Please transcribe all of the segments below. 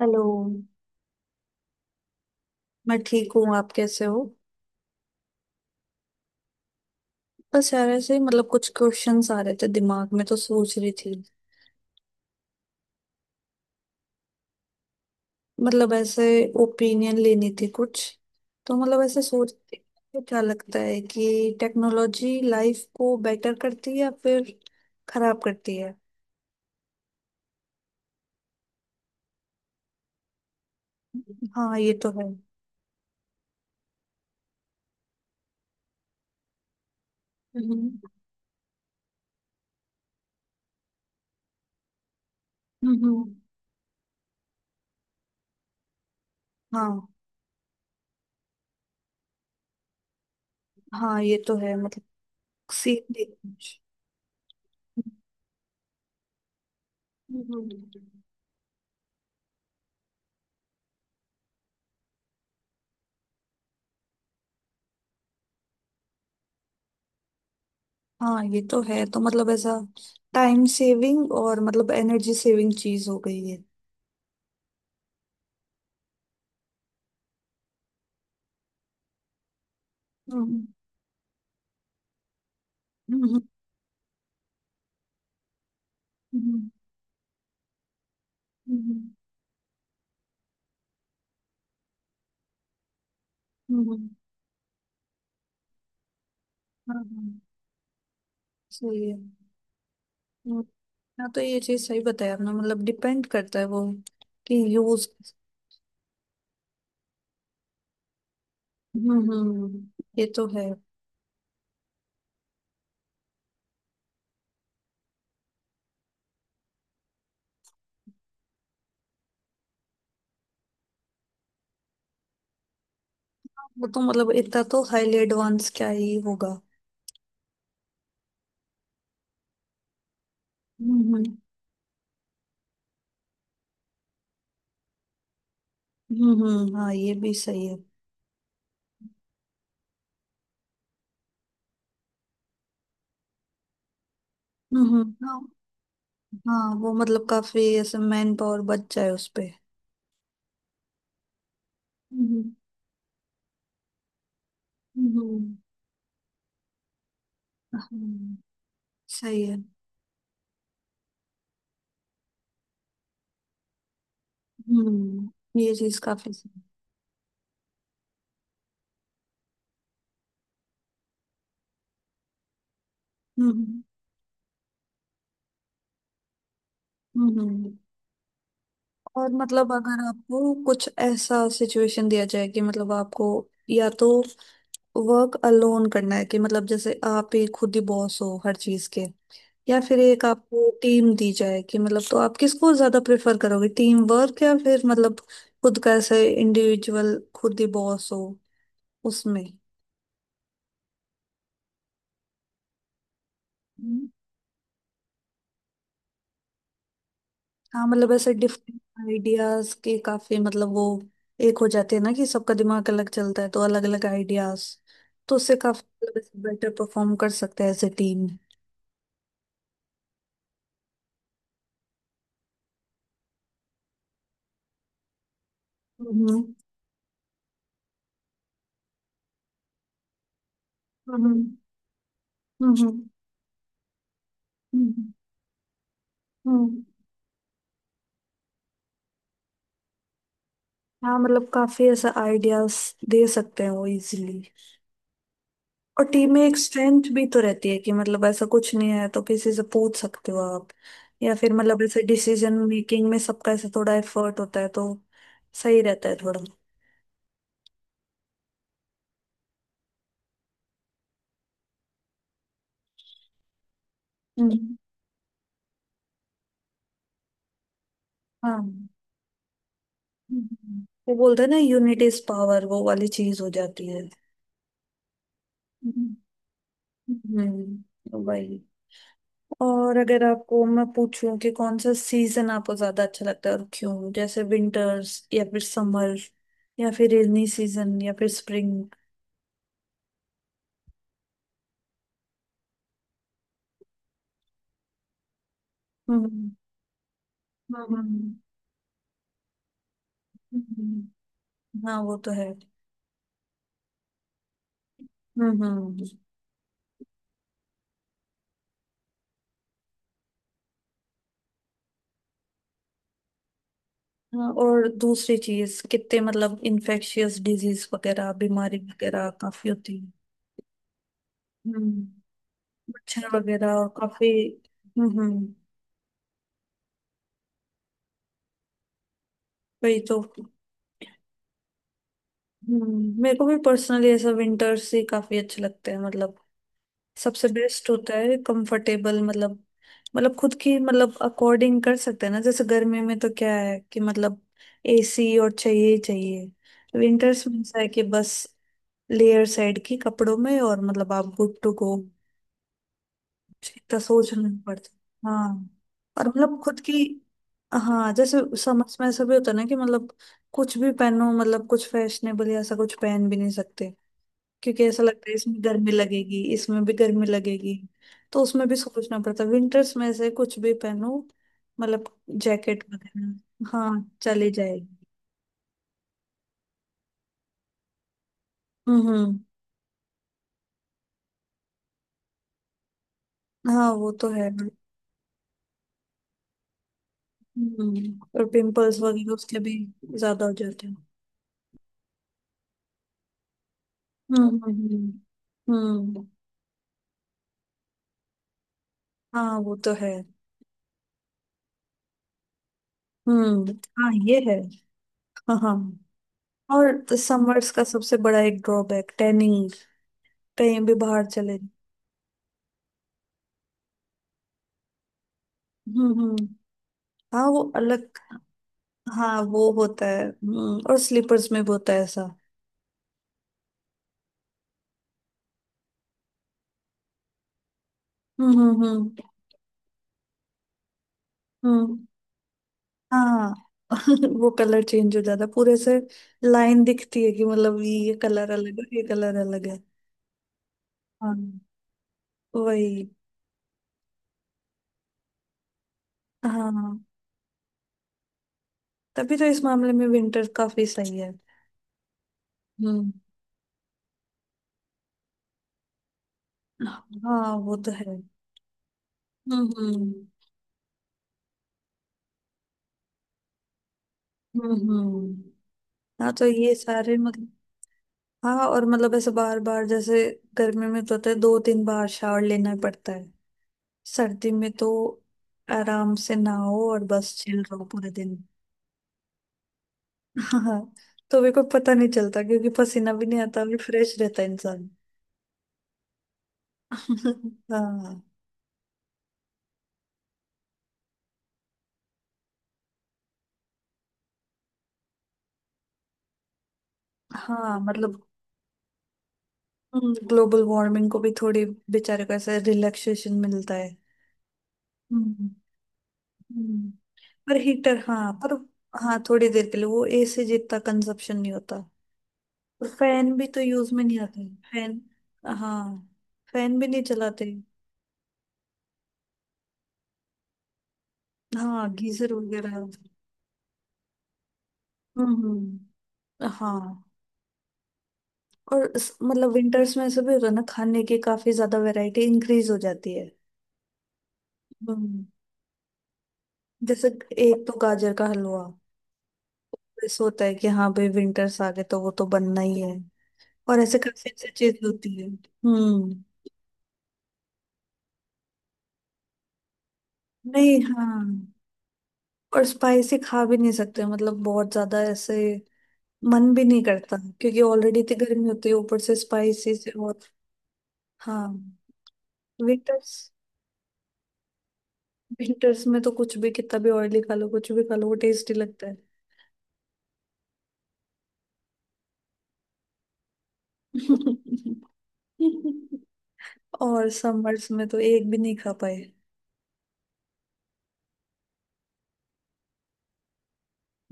Hello. मैं ठीक हूँ, आप कैसे हो? बस यार ऐसे ही, मतलब कुछ क्वेश्चंस आ रहे थे दिमाग में तो सोच रही थी। मतलब ऐसे ओपिनियन लेनी थी कुछ, तो मतलब ऐसे सोच रही थी कि क्या लगता है कि टेक्नोलॉजी लाइफ को बेटर करती है या फिर खराब करती है। हाँ ये तो है। हम्म हम्म। हाँ हाँ ये तो है मतलब, सीख कुछ। हम्म। हाँ ये तो है, तो मतलब ऐसा टाइम सेविंग और मतलब एनर्जी सेविंग चीज हो गई है। हम्म, हम्म, हम्म, हम्म, हम्म, हाँ, हाँ, सही है। हम्म, हाँ तो ये चीज सही बताया आपने, मतलब डिपेंड करता है वो कि यूज। हम्म हम्म, हम्म, ये तो है। वो तो मतलब इतना तो हाईली एडवांस क्या ही होगा। हम्म हाँ ये भी सही है। हम्म। हाँ। हाँ वो मतलब काफी ऐसे मैन पावर बच जाए उस पे। हम्म हम्म हम्म, सही है। ये चीज काफी सही है। हम्म हम्म हम्म। और मतलब अगर आपको कुछ ऐसा सिचुएशन दिया जाए कि मतलब आपको या तो वर्क अलोन करना है, कि मतलब जैसे आप ही खुद ही बॉस हो हर चीज के, या फिर एक आपको टीम दी जाए, कि मतलब तो आप किसको ज्यादा प्रेफर करोगे, टीम वर्क या फिर मतलब खुद का ऐसे इंडिविजुअल खुद ही बॉस हो उसमें। हाँ मतलब ऐसे डिफरेंट आइडियाज के काफी मतलब वो एक हो जाते हैं ना कि सबका दिमाग अलग चलता है तो अलग अलग आइडियाज, तो उससे काफी मतलब बेटर परफॉर्म कर सकते हैं एज ए टीम। हम्म हम्म हम्म हम्म, हम्म। हाँ मतलब काफी ऐसा आइडियाज दे सकते हैं वो इजीली। और टीम में एक स्ट्रेंथ भी तो रहती है कि मतलब ऐसा कुछ नहीं है तो किसी से पूछ सकते हो आप, या फिर मतलब ऐसे डिसीजन मेकिंग में सबका ऐसा थोड़ा एफर्ट होता है तो सही रहता है थोड़ा। हम्म। हाँ। हम्म। वो बोलते हैं ना यूनिट इज पावर, वो वाली चीज हो जाती है। हम्म हम्म, वही। और अगर आपको मैं पूछूं कि कौन सा सीजन आपको ज्यादा अच्छा लगता है और क्यों, जैसे विंटर्स या फिर समर या फिर रेनी सीजन या फिर स्प्रिंग? हम्म हम्म हम्म, हम्म। हाँ वो तो है। हम्म। हाँ, और दूसरी चीज कितने मतलब इन्फेक्शियस डिजीज वगैरह बीमारी वगैरह काफी होती है। हम्म, मच्छर वगैरह और काफी। हम्म हम्म, वही तो। हम्म, मेरे को भी पर्सनली ऐसा विंटर्स ही काफी अच्छे लगते हैं, मतलब सबसे बेस्ट होता है कंफर्टेबल, मतलब मतलब खुद की मतलब अकॉर्डिंग कर सकते हैं ना। जैसे गर्मी में तो क्या है कि मतलब एसी और चाहिए ही चाहिए, विंटर्स में ऐसा है कि बस लेयर साइड की कपड़ों में और मतलब आप गुड टू गो, इतना सोचना नहीं पड़ता। हाँ और मतलब खुद की, हाँ जैसे समझ में ऐसा भी होता है ना कि मतलब कुछ भी पहनो, मतलब कुछ फैशनेबल ऐसा कुछ पहन भी नहीं सकते, क्योंकि ऐसा लगता है इसमें गर्मी लगेगी इसमें भी गर्मी लगेगी। तो उसमें भी सोचना पड़ता है, विंटर्स में से कुछ भी पहनो, मतलब जैकेट वगैरह हाँ चली जाएगी। हम्म हम्म, हाँ वो तो है। और पिंपल्स वगैरह उसके भी ज्यादा हो जाते हैं। हम्म हम्म हम्म हम्म। हाँ वो तो है। हम्म। हाँ ये है। हाँ हाँ। और समर्स का सबसे बड़ा एक ड्रॉबैक टैनिंग, कहीं भी बाहर चले। हम्म, हाँ वो अलग। हाँ वो होता है हम्म, और स्लीपर्स में भी होता है ऐसा। हम्म हम्म हम्म हम्म, हाँ। वो कलर चेंज हो जाता है पूरे से, लाइन दिखती है कि मतलब ये कलर अलग है ये कलर अलग है। हाँ वही। हाँ तभी तो इस मामले में विंटर काफी सही है। हम्म। हाँ वो तो है। हम्म हम्म हम्म हम्म। हाँ तो ये सारे मतलब, हाँ और मतलब ऐसे बार बार जैसे गर्मी में तो होता है दो तीन बार शावर लेना पड़ता है, सर्दी में तो आराम से नहाओ और बस चिल रहो पूरे दिन। हाँ, तो मेरे को पता नहीं चलता क्योंकि पसीना भी नहीं आता, भी फ्रेश रहता है इंसान। हाँ। हाँ मतलब ग्लोबल वार्मिंग को भी थोड़ी बेचारे को ऐसे रिलैक्सेशन मिलता है। हम्म पर हीटर, हाँ पर हाँ थोड़ी देर के लिए वो एसी जितना कंजप्शन नहीं होता। और फैन भी तो यूज में नहीं आते, फैन हाँ फैन भी नहीं चलाते। हाँ गीजर वगैरह हम्म, हाँ। और इस- मतलब विंटर्स में ऐसा भी होता है ना खाने की काफी ज्यादा वैरायटी इंक्रीज हो जाती है। हम्म, जैसे एक तो गाजर का हलवा, ऐसा होता है कि हाँ भाई विंटर्स आ गए तो वो तो बनना ही है, और ऐसे काफी अच्छी चीज होती है। हम्म। नहीं हाँ, और स्पाइसी खा भी नहीं सकते मतलब बहुत ज्यादा ऐसे, मन भी नहीं करता क्योंकि ऑलरेडी इतनी गर्मी होती है ऊपर से स्पाइसी से और हाँ। विंटर्स विंटर्स में तो कुछ भी, कितना भी ऑयली खा लो, कुछ भी खा लो वो टेस्टी लगता है। और समर्स में तो एक भी नहीं खा पाए।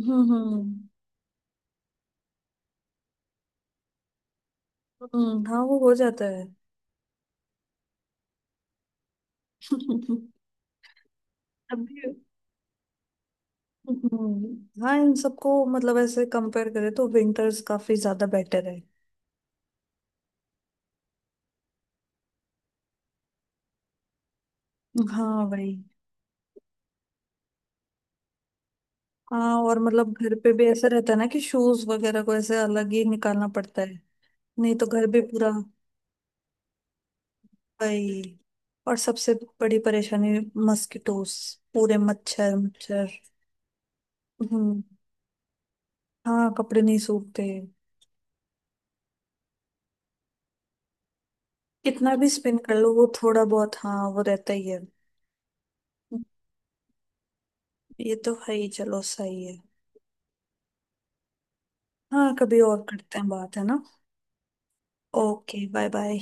हम्म हम्म हाँ वो हो जाता है। अभी हाँ इन सबको मतलब ऐसे कंपेयर करें तो विंटर्स काफी ज्यादा बेटर है। हाँ भाई। हाँ और मतलब घर पे भी ऐसा रहता है ना कि शूज वगैरह को ऐसे अलग ही निकालना पड़ता है, नहीं तो घर भी पूरा। भाई, और सबसे बड़ी परेशानी मस्किटोस, पूरे मच्छर मच्छर। हम्म, हाँ कपड़े नहीं सूखते। कितना भी स्पिन कर लो वो थोड़ा बहुत हाँ वो रहता ही है। ये तो है ही, चलो सही है। हाँ कभी और करते हैं बात, है ना। Okay, bye bye.